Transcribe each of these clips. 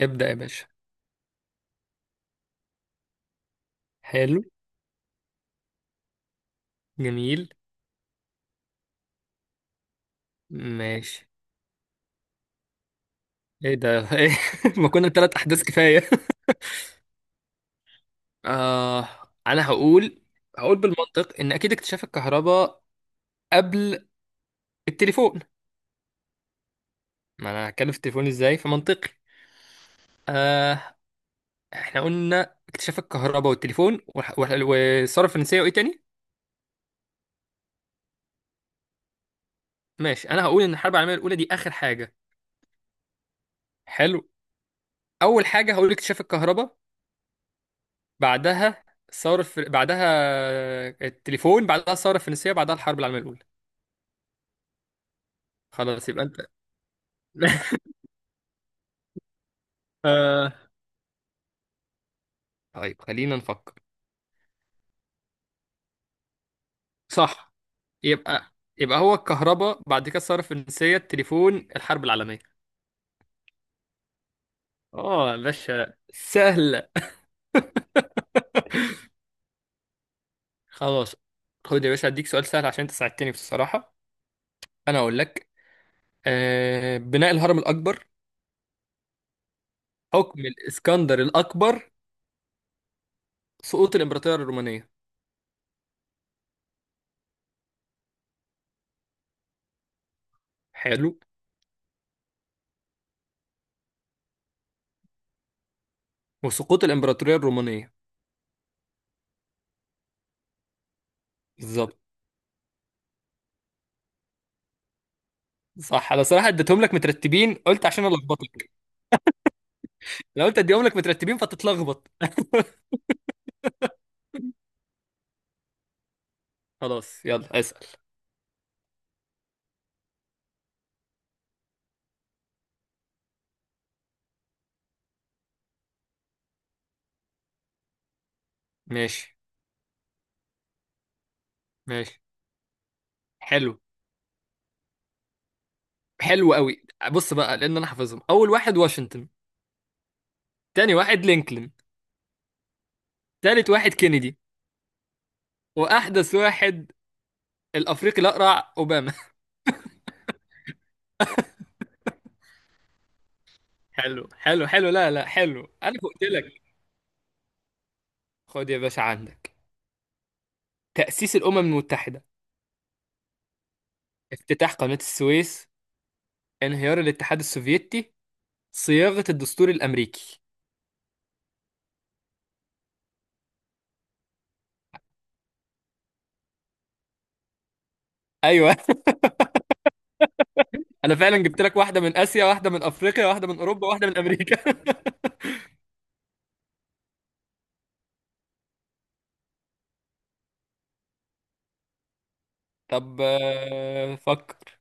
ابدأ يا باشا. حلو. جميل. ماشي. ايه ده؟ ايه؟ ما كنا ثلاث احداث كفاية. آه. انا هقول بالمنطق ان اكيد اكتشاف الكهرباء قبل التليفون. ما انا هتكلم في التليفون ازاي فمنطقي. آه. احنا قلنا اكتشاف الكهرباء والتليفون والثورة الفرنسية وايه تاني؟ ماشي. انا هقول ان الحرب العالمية الاولى دي اخر حاجة. حلو. اول حاجة هقول اكتشاف الكهرباء بعدها بعدها التليفون بعدها الثورة الفرنسية بعدها الحرب العالمية الأولى. خلاص يبقى انت. آه... طيب خلينا نفكر. صح. يبقى يبقى هو الكهرباء بعد كده الثورة الفرنسية التليفون الحرب العالمية. اه يا باشا سهلة. خلاص. خد يا باشا اديك سؤال سهل عشان انت ساعدتني بصراحة. انا اقول لك بناء الهرم الاكبر، حكم الاسكندر الاكبر، سقوط الامبراطورية الرومانية. حلو. وسقوط الامبراطورية الرومانية. بالظبط. صح انا صراحة اديتهم لك مترتبين قلت عشان الخبطك. لو قلت اديهم لك مترتبين فتتلخبط. خلاص يلا اسأل. ماشي. ماشي. حلو. حلو قوي. بص بقى لان انا حافظهم. اول واحد واشنطن، تاني واحد لينكولن، تالت واحد كينيدي، واحدث واحد الافريقي الاقرع اوباما. حلو حلو حلو، لا لا حلو، انا فقت لك. خد يا باشا عندك تأسيس الامم المتحدة، افتتاح قناة السويس، انهيار الاتحاد السوفيتي، صياغة الدستور الامريكي. ايوه. انا فعلا جبت لك واحدة من اسيا واحدة من افريقيا واحدة من اوروبا واحدة من امريكا. طب فكر.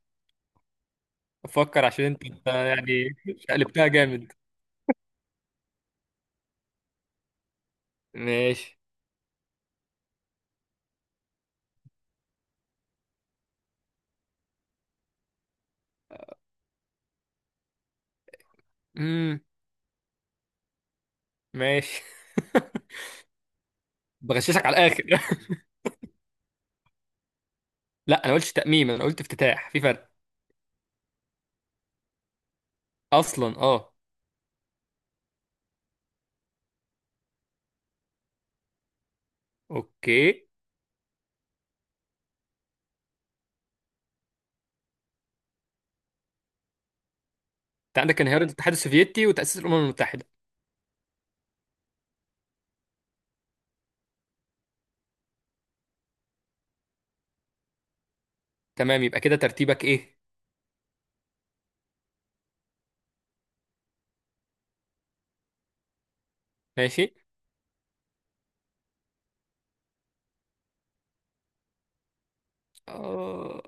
افكر عشان انت يعني قلبتها جامد. ماشي. امم. ماشي. بغششك على الاخر. لا انا قلتش تأميم، انا قلت افتتاح، في فرق. اصلا اه. اوكي. انت عندك انهيار الاتحاد السوفيتي وتأسيس الامم المتحدة. تمام يبقى كده ترتيبك ايه؟ ماشي. اه.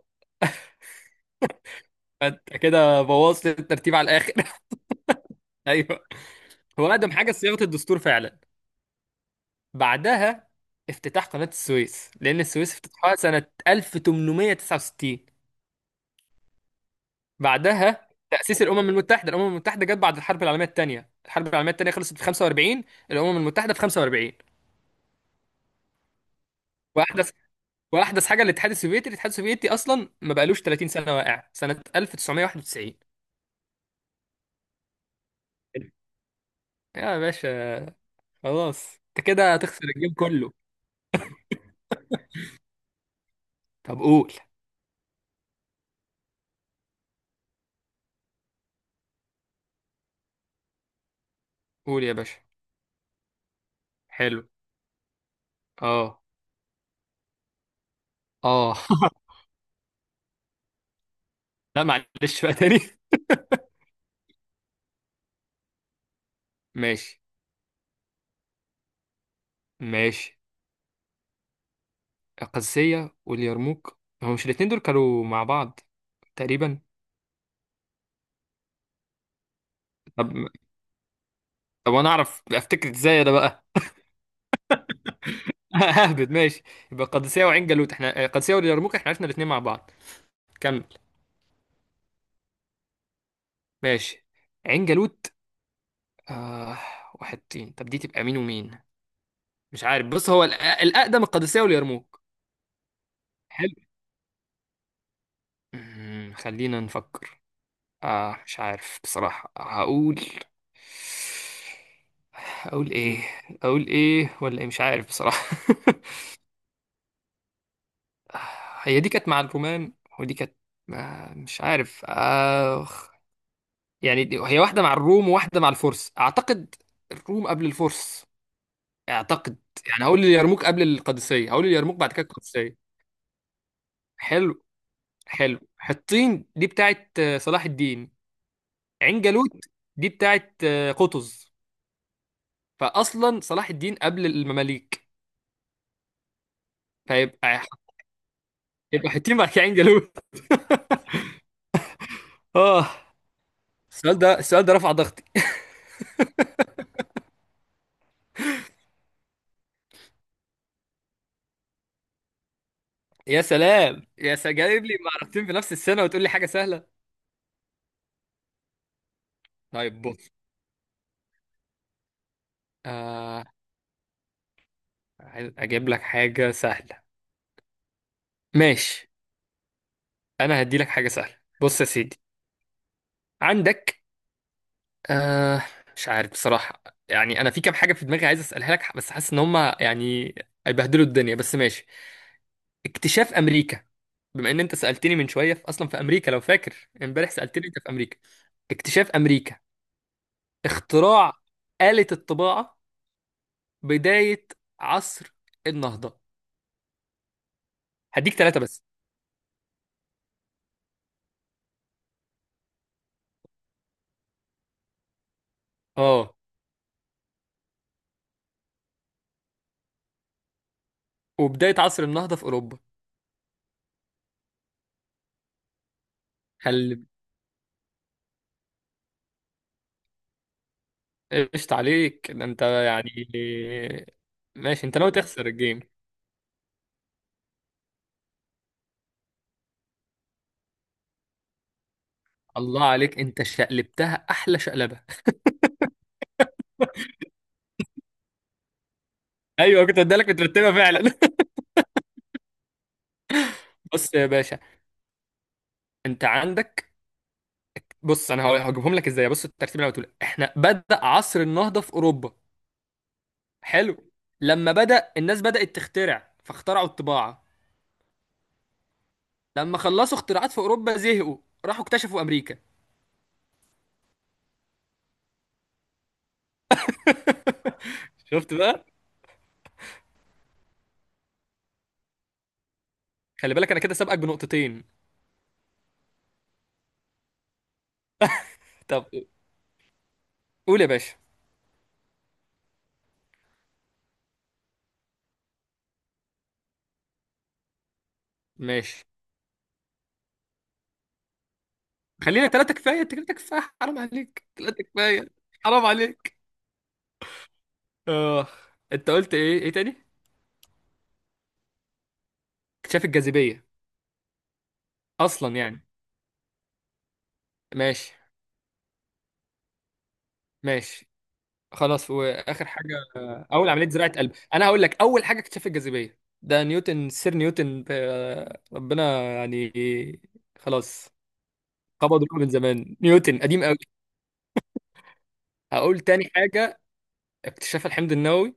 انت كده بوظت الترتيب على الاخر. ايوه. هو اقدم حاجه صياغه الدستور فعلا. بعدها افتتاح قناه السويس لان السويس افتتحها سنه 1869. بعدها تأسيس الأمم المتحدة. الأمم المتحدة جت بعد الحرب العالمية الثانية. الحرب العالمية الثانية خلصت في 45. الأمم المتحدة في 45. وأحدث وأحدث حاجة الاتحاد السوفيتي. الاتحاد السوفيتي أصلا ما بقالوش 30 سنة، واقع سنة 1991. يا باشا خلاص أنت كده هتخسر الجيم كله. طب قول. قول يا باشا. حلو. أه. أه. لا معلش بقى تاني. ماشي. ماشي. القادسية واليرموك هو مش الاتنين دول كانوا مع بعض تقريبا؟ طب. طب انا اعرف افتكر ازاي انا بقى؟ اهبد ماشي. يبقى قادسية وعين جالوت احنا قادسية واليرموك احنا عرفنا الاثنين مع بعض. كمل. ماشي. عين جالوت. آه... واحد تين، طب دي تبقى مين ومين؟ مش عارف. بص هو الاقدم القادسية واليرموك. حلو. خلينا نفكر. مش عارف بصراحة. هقول ايه؟ اقول ايه ولا ايه؟ مش عارف بصراحة. هي دي كانت مع الرومان. ودي كانت مش عارف. يعني هي واحدة مع الروم وواحدة مع الفرس أعتقد. الروم قبل الفرس أعتقد. يعني هقول اليرموك قبل القادسية. هقول اليرموك بعد كده القادسية. حلو. حلو. حطين دي بتاعت صلاح الدين. عين جالوت دي بتاعت قطز. فأصلا صلاح الدين قبل المماليك. فيبقى حطين بعد كده عين جالوت. آه. السؤال ده، السؤال ده رفع ضغطي. يا سلام يا سلام جايب لي معركتين في نفس السنة وتقول لي حاجة سهلة. طيب بص. آه عايز اجيب لك حاجة سهلة. ماشي. انا هدي لك حاجه سهله بص يا سيدي. عندك آه مش عارف بصراحه. يعني انا في كام حاجه في دماغي عايز اسالها لك بس حاسس ان هم يعني هيبهدلوا الدنيا. بس ماشي. اكتشاف امريكا. بما ان انت سالتني من شويه في اصلا في امريكا، لو فاكر امبارح سالتني انت في امريكا. اكتشاف امريكا، اختراع آلة الطباعه، بدايه عصر النهضه. هديك ثلاثه بس. اه. وبدايه عصر النهضه في اوروبا. قشط عليك ده انت يعني. ماشي. انت ناوي تخسر الجيم. الله عليك انت شقلبتها احلى شقلبه. ايوه كنت ادالك كنت مرتبها فعلا. بص يا باشا. انت عندك. بص انا هجيبهم لك ازاي. بص الترتيب اللي انا بتقول احنا بدأ عصر النهضه في اوروبا. حلو. لما بدأ الناس بدأت تخترع فاخترعوا الطباعه. لما خلصوا اختراعات في اوروبا زهقوا، راحوا اكتشفوا امريكا. شفت بقى. خلي بالك انا كده سابقك بنقطتين. طب قول يا باشا. ماشي. خلينا ثلاثة كفاية. انت كده كفاية، حرام عليك ثلاثة كفاية، حرام عليك. اه. انت قلت ايه؟ ايه تاني؟ اكتشاف الجاذبية. اصلا يعني. ماشي. ماشي. خلاص. واخر حاجة اول عملية زراعة قلب. انا هقول لك اول حاجة اكتشاف الجاذبية، ده نيوتن سير نيوتن، ربنا يعني. خلاص. قبض روحه من زمان نيوتن قديم قوي. هقول تاني حاجة اكتشاف الحمض النووي.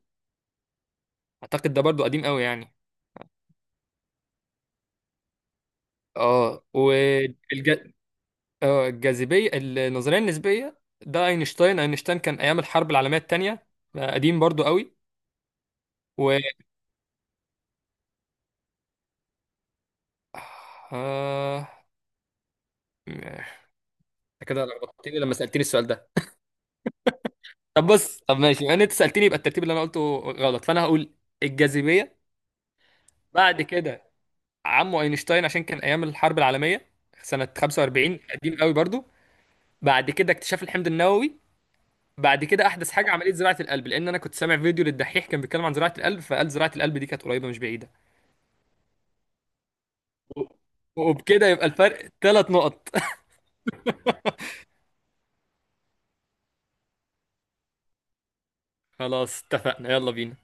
اعتقد ده برضو قديم قوي يعني. اه والجاذبية. الجاذبية النظرية النسبية ده اينشتاين. اينشتاين كان ايام الحرب العالمية التانية. قديم برضو قوي. و آه، آه، كده لخبطتني لما سألتني السؤال ده. طب بص. طب ماشي يعني انت سألتني يبقى الترتيب اللي انا قلته غلط فانا هقول الجاذبية. بعد كده عمه اينشتاين عشان كان ايام الحرب العالمية سنة 45 قديم قوي برضو. بعد كده اكتشاف الحمض النووي. بعد كده احدث حاجة عملية زراعة القلب لان انا كنت سامع فيديو للدحيح كان بيتكلم عن زراعة القلب فقال زراعة القلب دي كانت قريبة مش بعيدة. وبكده يبقى الفرق ثلاث نقط. خلاص اتفقنا يلا بينا.